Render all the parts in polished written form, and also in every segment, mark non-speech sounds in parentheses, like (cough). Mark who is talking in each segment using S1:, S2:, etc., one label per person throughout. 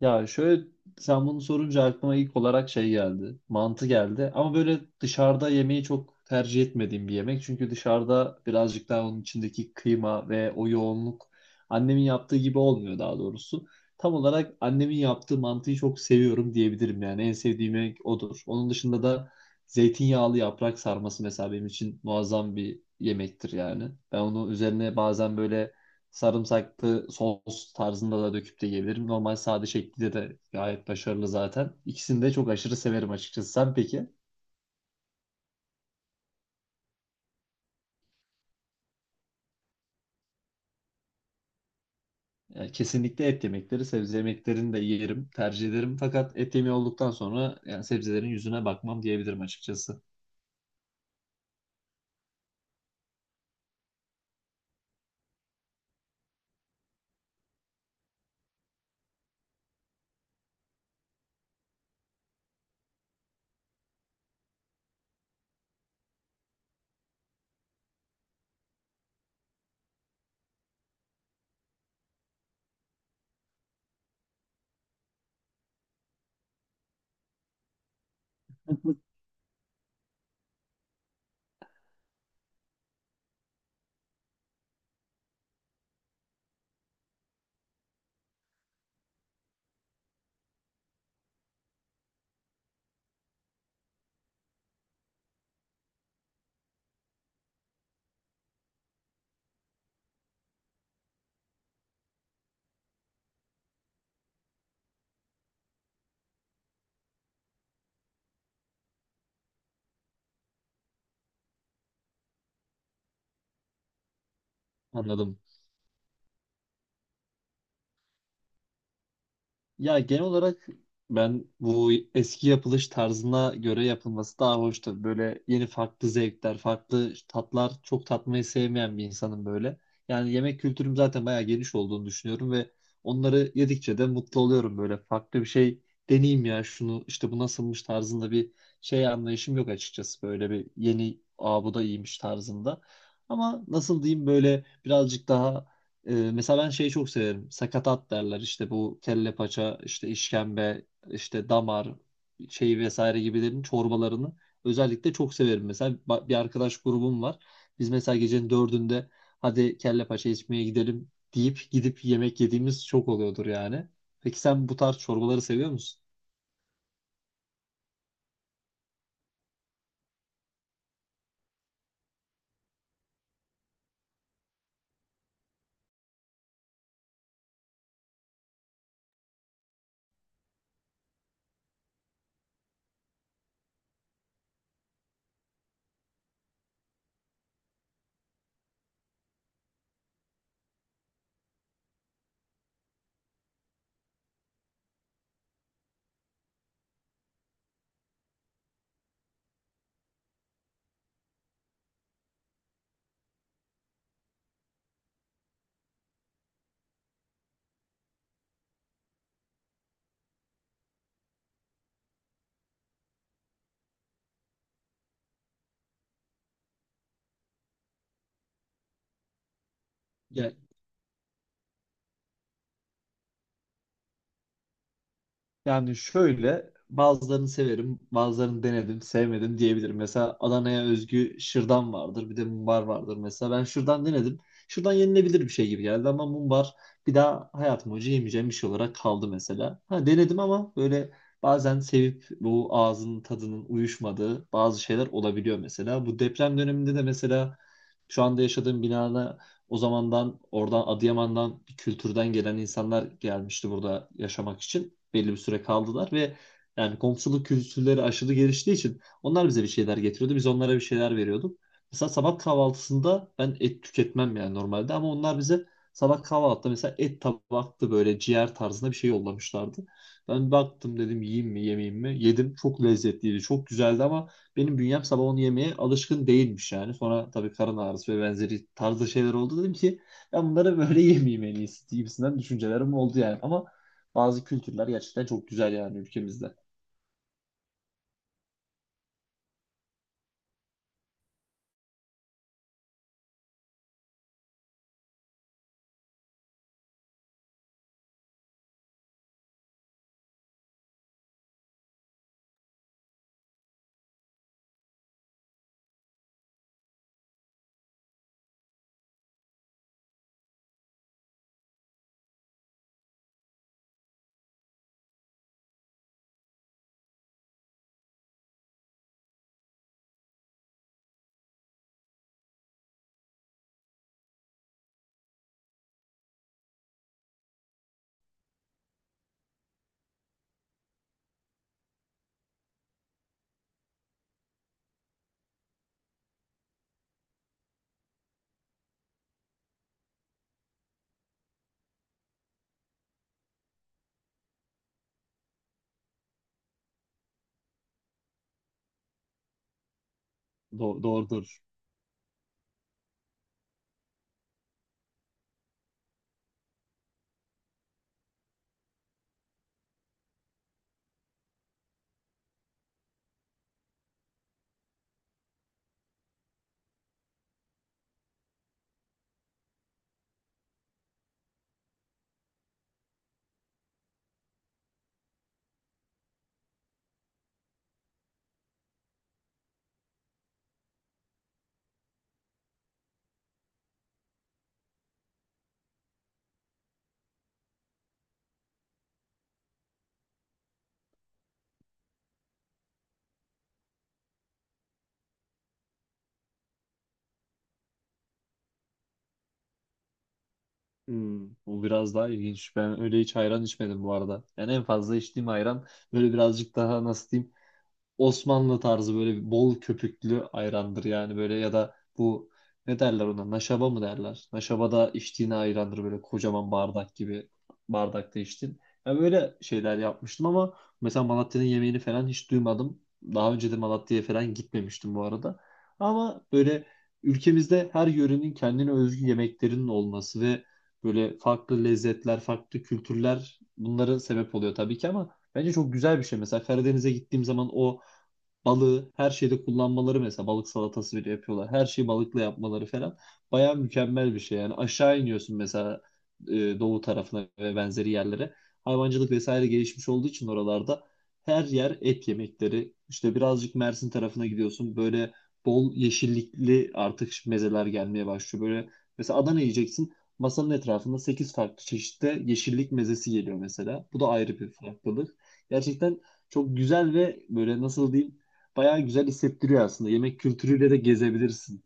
S1: Ya, şöyle, sen bunu sorunca aklıma ilk olarak şey geldi. Mantı geldi. Ama böyle dışarıda yemeği çok tercih etmediğim bir yemek. Çünkü dışarıda birazcık daha onun içindeki kıyma ve o yoğunluk annemin yaptığı gibi olmuyor, daha doğrusu. Tam olarak annemin yaptığı mantıyı çok seviyorum diyebilirim yani. En sevdiğim yemek odur. Onun dışında da zeytinyağlı yaprak sarması mesela benim için muazzam bir yemektir yani. Ben onu üzerine bazen böyle sarımsaklı sos tarzında da döküp de yiyebilirim. Normal sade şekilde de gayet başarılı zaten. İkisini de çok aşırı severim açıkçası. Sen peki? Yani kesinlikle et yemekleri, sebze yemeklerini de yerim, tercih ederim. Fakat et yemeği olduktan sonra yani sebzelerin yüzüne bakmam diyebilirim açıkçası. Anladım. Ya, genel olarak ben bu eski yapılış tarzına göre yapılması daha hoş tabii. Böyle yeni farklı zevkler, farklı tatlar çok tatmayı sevmeyen bir insanım böyle. Yani yemek kültürüm zaten bayağı geniş olduğunu düşünüyorum ve onları yedikçe de mutlu oluyorum böyle. Farklı bir şey deneyeyim, ya şunu işte bu nasılmış tarzında bir şey anlayışım yok açıkçası. Böyle bir yeni, aa, bu da iyiymiş tarzında. Ama nasıl diyeyim, böyle birazcık daha mesela ben şeyi çok severim. Sakatat derler. İşte bu kelle paça, işte işkembe, işte damar şeyi vesaire gibilerin çorbalarını özellikle çok severim. Mesela bir arkadaş grubum var. Biz mesela gecenin 4'ünde, hadi kelle paça içmeye gidelim deyip gidip yemek yediğimiz çok oluyordur yani. Peki sen bu tarz çorbaları seviyor musun? Ya, yani şöyle, bazılarını severim, bazılarını denedim, sevmedim diyebilirim. Mesela Adana'ya özgü şırdan vardır, bir de mumbar vardır mesela. Ben şırdan denedim. Şırdan yenilebilir bir şey gibi geldi ama mumbar bir daha hayatım boyunca yemeyeceğim bir şey olarak kaldı mesela. Ha, denedim ama böyle bazen sevip bu ağzının tadının uyuşmadığı bazı şeyler olabiliyor mesela. Bu deprem döneminde de mesela şu anda yaşadığım binada o zamandan oradan Adıyaman'dan bir kültürden gelen insanlar gelmişti burada yaşamak için. Belli bir süre kaldılar ve yani komşuluk kültürleri aşırı geliştiği için onlar bize bir şeyler getiriyordu. Biz onlara bir şeyler veriyorduk. Mesela sabah kahvaltısında ben et tüketmem yani normalde, ama onlar bize sabah kahvaltıda mesela et tabaktı, böyle ciğer tarzında bir şey yollamışlardı. Ben baktım, dedim yiyeyim mi, yemeyeyim mi? Yedim, çok lezzetliydi, çok güzeldi ama benim bünyem sabah onu yemeye alışkın değilmiş yani. Sonra tabii karın ağrısı ve benzeri tarzda şeyler oldu, dedim ki ben bunları böyle (laughs) yemeyeyim en iyisi gibisinden düşüncelerim oldu yani. Ama bazı kültürler gerçekten çok güzel yani ülkemizde. Doğrudur. Hmm, bu biraz daha ilginç. Ben öyle hiç ayran içmedim bu arada. Yani en fazla içtiğim ayran böyle birazcık daha nasıl diyeyim, Osmanlı tarzı böyle bol köpüklü ayrandır yani, böyle, ya da bu ne derler ona, naşaba mı derler? Naşaba da içtiğin ayrandır, böyle kocaman bardak gibi bardakta içtin. Ya böyle şeyler yapmıştım ama mesela Malatya'nın yemeğini falan hiç duymadım. Daha önce de Malatya'ya falan gitmemiştim bu arada. Ama böyle ülkemizde her yörenin kendine özgü yemeklerinin olması ve böyle farklı lezzetler, farklı kültürler bunların sebep oluyor tabii ki, ama bence çok güzel bir şey. Mesela Karadeniz'e gittiğim zaman o balığı her şeyde kullanmaları, mesela balık salatası bile yapıyorlar. Her şeyi balıkla yapmaları falan bayağı mükemmel bir şey. Yani aşağı iniyorsun mesela, e, doğu tarafına ve benzeri yerlere. Hayvancılık vesaire gelişmiş olduğu için oralarda her yer et yemekleri. İşte birazcık Mersin tarafına gidiyorsun. Böyle bol yeşillikli artık mezeler gelmeye başlıyor. Böyle mesela Adana yiyeceksin. Masanın etrafında 8 farklı çeşitte yeşillik mezesi geliyor mesela. Bu da ayrı bir farklılık. Gerçekten çok güzel ve böyle nasıl diyeyim, bayağı güzel hissettiriyor aslında. Yemek kültürüyle de gezebilirsin.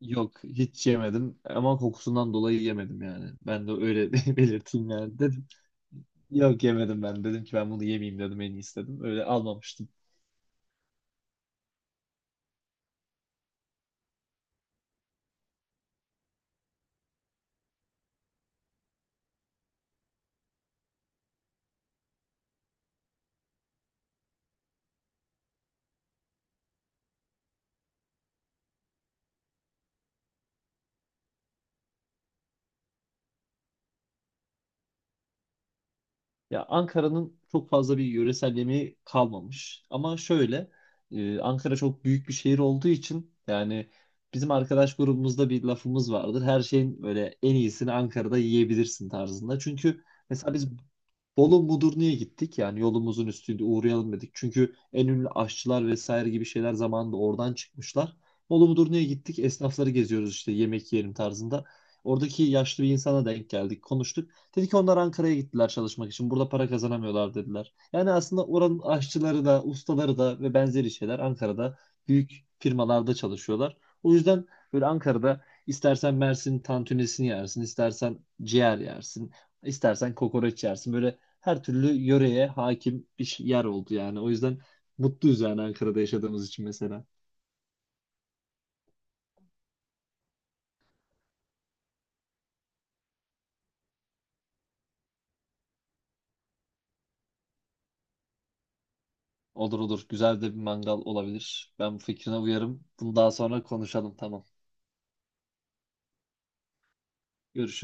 S1: Yok, hiç yemedim ama kokusundan dolayı yemedim yani. Ben de öyle (laughs) belirteyim yani, dedim. Yok, yemedim, ben dedim ki ben bunu yemeyeyim dedim en iyisi dedim. Öyle almamıştım. Ya, Ankara'nın çok fazla bir yöresel yemeği kalmamış. Ama şöyle, Ankara çok büyük bir şehir olduğu için yani bizim arkadaş grubumuzda bir lafımız vardır. Her şeyin böyle en iyisini Ankara'da yiyebilirsin tarzında. Çünkü mesela biz Bolu Mudurnu'ya gittik. Yani yolumuzun üstünde uğrayalım dedik. Çünkü en ünlü aşçılar vesaire gibi şeyler zamanında oradan çıkmışlar. Bolu Mudurnu'ya gittik. Esnafları geziyoruz işte, yemek yiyelim tarzında. Oradaki yaşlı bir insana denk geldik, konuştuk. Dedi ki onlar Ankara'ya gittiler çalışmak için. Burada para kazanamıyorlar dediler. Yani aslında oranın aşçıları da, ustaları da ve benzeri şeyler Ankara'da büyük firmalarda çalışıyorlar. O yüzden böyle Ankara'da istersen Mersin tantunisini yersin, istersen ciğer yersin, istersen kokoreç yersin. Böyle her türlü yöreye hakim bir yer oldu yani. O yüzden mutluyuz yani Ankara'da yaşadığımız için mesela. Olur olur. Güzel de bir mangal olabilir. Ben bu fikrine uyarım. Bunu daha sonra konuşalım. Tamam. Görüşürüz.